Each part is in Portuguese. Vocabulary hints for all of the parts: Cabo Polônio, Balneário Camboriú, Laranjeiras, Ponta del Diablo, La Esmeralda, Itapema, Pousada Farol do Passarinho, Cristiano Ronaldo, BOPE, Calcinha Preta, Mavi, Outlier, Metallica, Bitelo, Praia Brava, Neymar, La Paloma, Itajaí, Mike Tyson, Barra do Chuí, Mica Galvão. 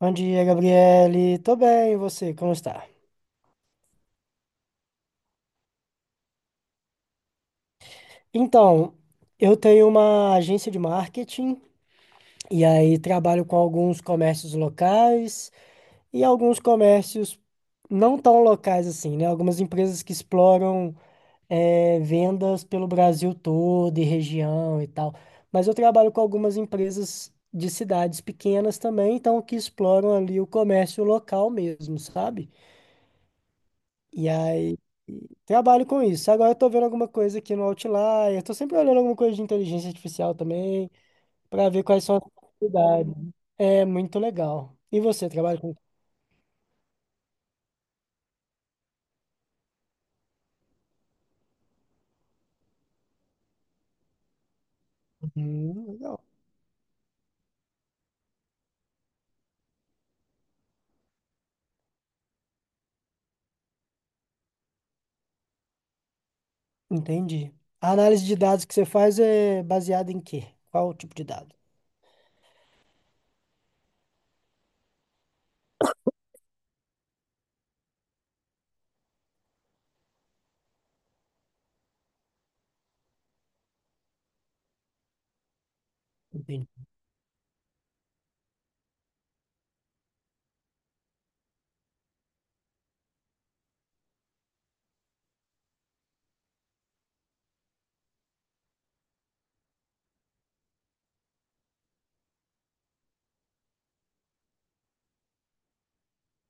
Bom dia, Gabriele. Tô bem, e você? Como está? Então, eu tenho uma agência de marketing e aí trabalho com alguns comércios locais e alguns comércios não tão locais assim, né? Algumas empresas que exploram vendas pelo Brasil todo e região e tal. Mas eu trabalho com algumas empresas de cidades pequenas também, então que exploram ali o comércio local mesmo, sabe? E aí trabalho com isso. Agora eu tô vendo alguma coisa aqui no Outlier. Tô sempre olhando alguma coisa de inteligência artificial também, para ver quais são as possibilidades. É muito legal. E você trabalha com? Legal. Entendi. A análise de dados que você faz é baseada em quê? Qual o tipo de dado? Entendi.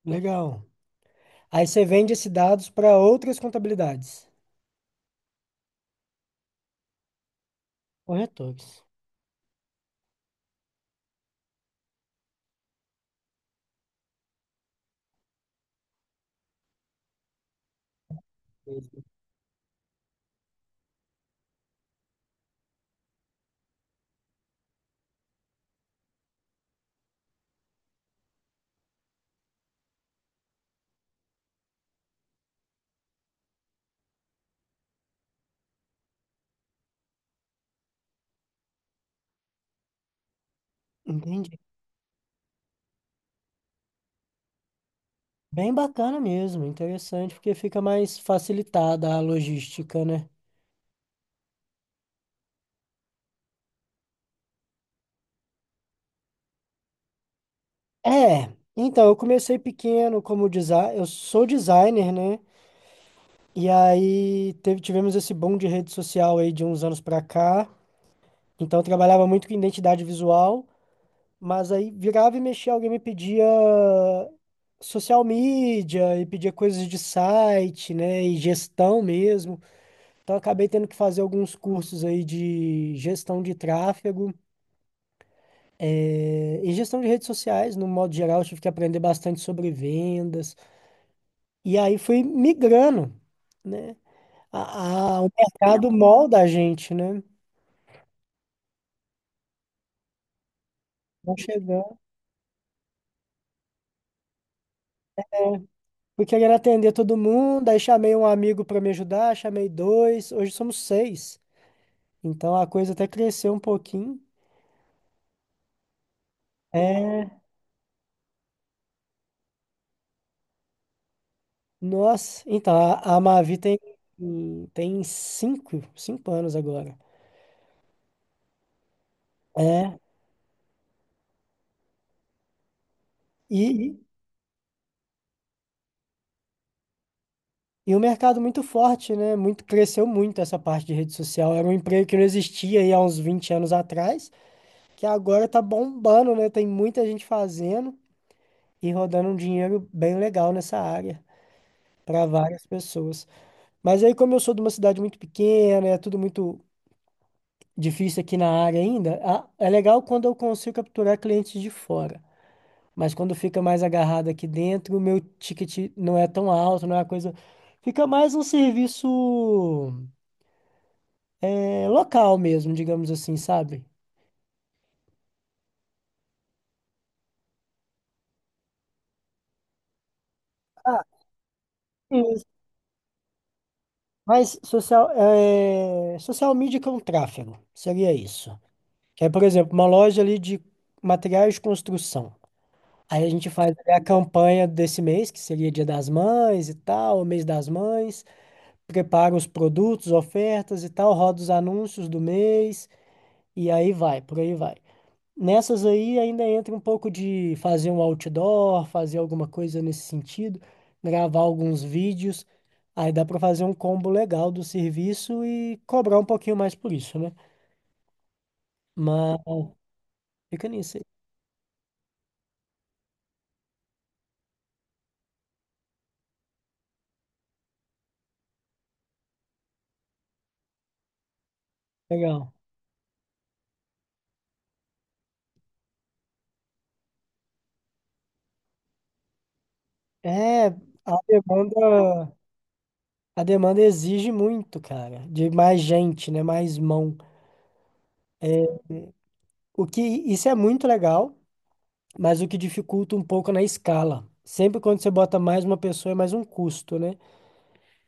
Legal. Aí você vende esses dados para outras contabilidades, corretores. Entendi. Bem bacana mesmo, interessante, porque fica mais facilitada a logística, né? É, então, eu comecei pequeno como designer, eu sou designer, né? E aí teve, tivemos esse boom de rede social aí de uns anos pra cá. Então eu trabalhava muito com identidade visual, mas aí virava e mexia, alguém me pedia social media e pedia coisas de site, né? E gestão mesmo. Então eu acabei tendo que fazer alguns cursos aí de gestão de tráfego. E gestão de redes sociais, no modo geral, eu tive que aprender bastante sobre vendas. E aí foi migrando, né? A, o mercado molda a gente, né? Vão chegando. Fui querendo atender todo mundo, aí chamei um amigo para me ajudar, chamei dois, hoje somos seis. Então a coisa até cresceu um pouquinho. É, nossa, então a Mavi tem cinco anos agora. É, e, e o mercado muito forte, né? Muito, cresceu muito essa parte de rede social. Era um emprego que não existia aí há uns 20 anos atrás, que agora tá bombando, né? Tem muita gente fazendo e rodando um dinheiro bem legal nessa área para várias pessoas. Mas aí, como eu sou de uma cidade muito pequena, é tudo muito difícil aqui na área ainda, é legal quando eu consigo capturar clientes de fora. Mas quando fica mais agarrado aqui dentro, o meu ticket não é tão alto, não é uma coisa. Fica mais um serviço é, local mesmo, digamos assim, sabe? Ah, sim. Mas social, é, social media que é um tráfego, seria isso. Que é, por exemplo, uma loja ali de materiais de construção. Aí a gente faz ali a campanha desse mês, que seria Dia das Mães e tal, o mês das mães, prepara os produtos, ofertas e tal, roda os anúncios do mês, e aí vai, por aí vai. Nessas aí ainda entra um pouco de fazer um outdoor, fazer alguma coisa nesse sentido, gravar alguns vídeos. Aí dá para fazer um combo legal do serviço e cobrar um pouquinho mais por isso, né? Mas fica nisso aí. Legal. É, a demanda exige muito, cara, de mais gente, né? Mais mão. O que isso é muito legal, mas o que dificulta um pouco na escala. Sempre quando você bota mais uma pessoa é mais um custo, né?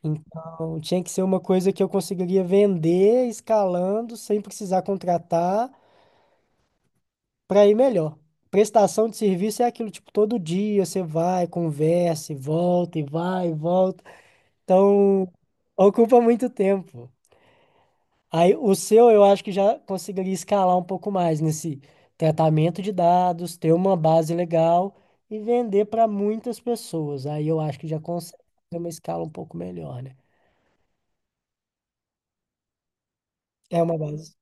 Então, tinha que ser uma coisa que eu conseguiria vender escalando sem precisar contratar para ir melhor. Prestação de serviço é aquilo, tipo, todo dia você vai, conversa e volta e vai e volta. Então, ocupa muito tempo. Aí, o seu eu acho que já conseguiria escalar um pouco mais nesse tratamento de dados, ter uma base legal e vender para muitas pessoas. Aí eu acho que já consegue ter uma escala um pouco melhor, né? É uma base.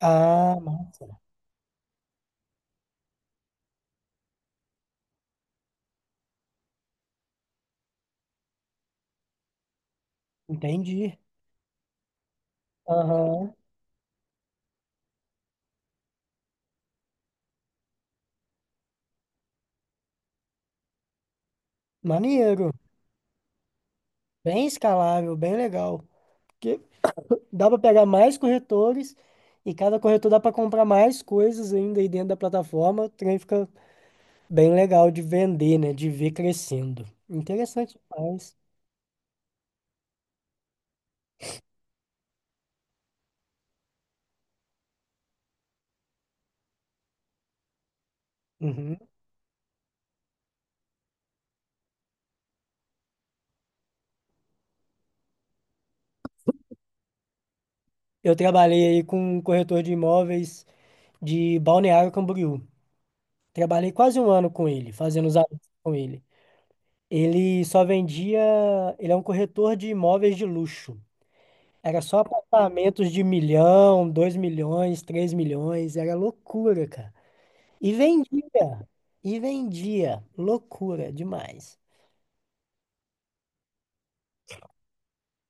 Ah, entendi. Aham. Maneiro. Bem escalável, bem legal. Porque dá para pegar mais corretores e cada corretor dá para comprar mais coisas ainda aí dentro da plataforma. O trem fica bem legal de vender, né? De ver crescendo. Interessante demais. Uhum. Eu trabalhei aí com um corretor de imóveis de Balneário Camboriú. Trabalhei quase um ano com ele, fazendo os anúncios com ele. Ele só vendia. Ele é um corretor de imóveis de luxo. Era só apartamentos de milhão, 2 milhões, 3 milhões, era loucura, cara. E vendia, e vendia, loucura demais.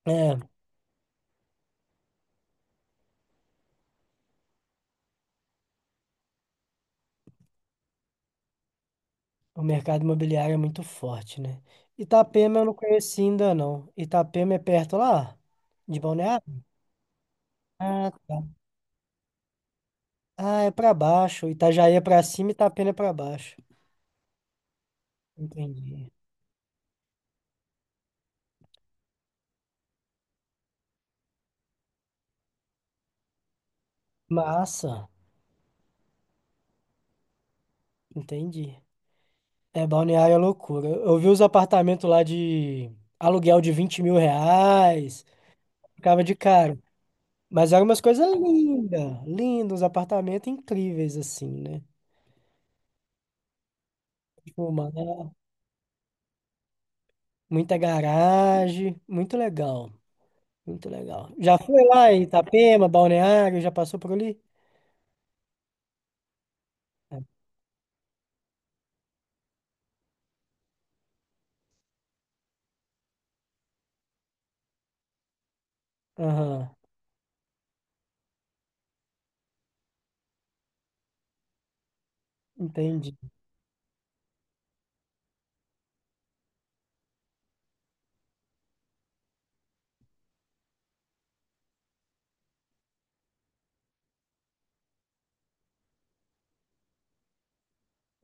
É, o mercado imobiliário é muito forte, né? Itapema eu não conheci ainda, não. Itapema é perto lá, de Balneário? Ah, tá. Ah, é pra baixo. Itajaí é pra cima, e Itapema é pra baixo. Entendi. Massa, entendi. É, Balneário é loucura. Eu vi os apartamentos lá de aluguel de 20 mil reais, ficava de cara. Mas eram umas coisas lindas, lindos, apartamentos incríveis, assim, né? Tipo, mano, muita garagem, muito legal, muito legal. Já foi lá em Itapema, Balneário, já passou por ali? Aham, entendi.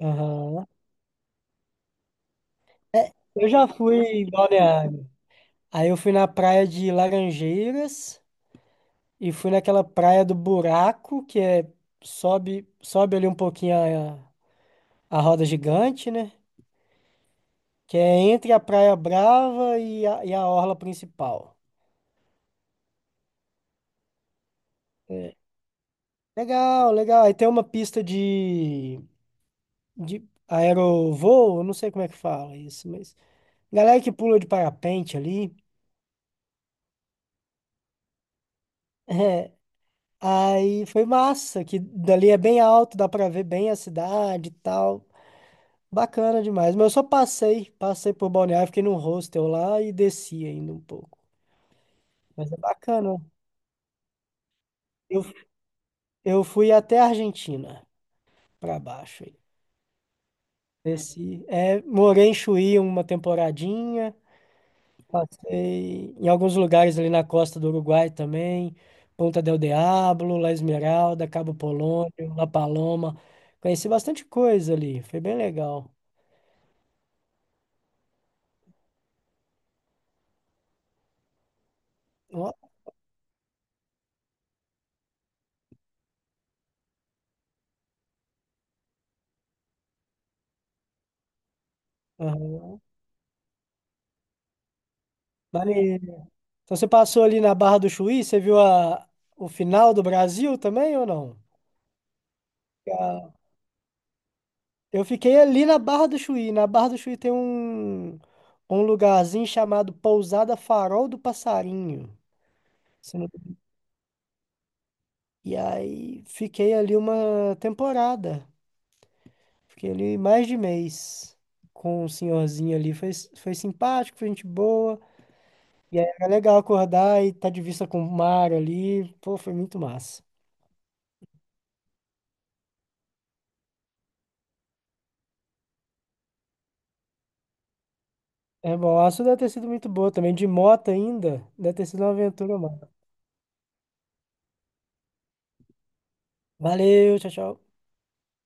Aham. É, eu já fui em Balneário. Aí eu fui na praia de Laranjeiras. E fui naquela praia do buraco, que é sobe, sobe ali um pouquinho a roda gigante, né? Que é entre a Praia Brava e a orla principal. É. Legal, legal. Aí tem uma pista de aerovoo, eu não sei como é que fala isso, mas galera que pula de parapente ali. É. Aí foi massa, que dali é bem alto, dá pra ver bem a cidade e tal. Bacana demais. Mas eu só passei por Balneário, fiquei num hostel lá e desci ainda um pouco. Mas é bacana. Eu, eu fui até a Argentina, pra baixo aí. Desci. É, morei em Chuí uma temporadinha, passei em alguns lugares ali na costa do Uruguai também, Ponta del Diablo, La Esmeralda, Cabo Polônio, La Paloma. Conheci bastante coisa ali, foi bem legal. Ó, aham. Maneiro. Então você passou ali na Barra do Chuí, você viu a, o final do Brasil também ou não? A- Eu fiquei ali na Barra do Chuí. Na Barra do Chuí tem um lugarzinho chamado Pousada Farol do Passarinho. Se não- E aí fiquei ali uma temporada. Fiquei ali mais de mês com o senhorzinho ali. Foi simpático, foi gente boa. E aí era legal acordar e estar de vista com o mar ali. Pô, foi muito massa. É bom, a sua deve ter sido muito boa também, de moto ainda. Deve ter sido uma aventura, mano. Valeu, tchau, tchau.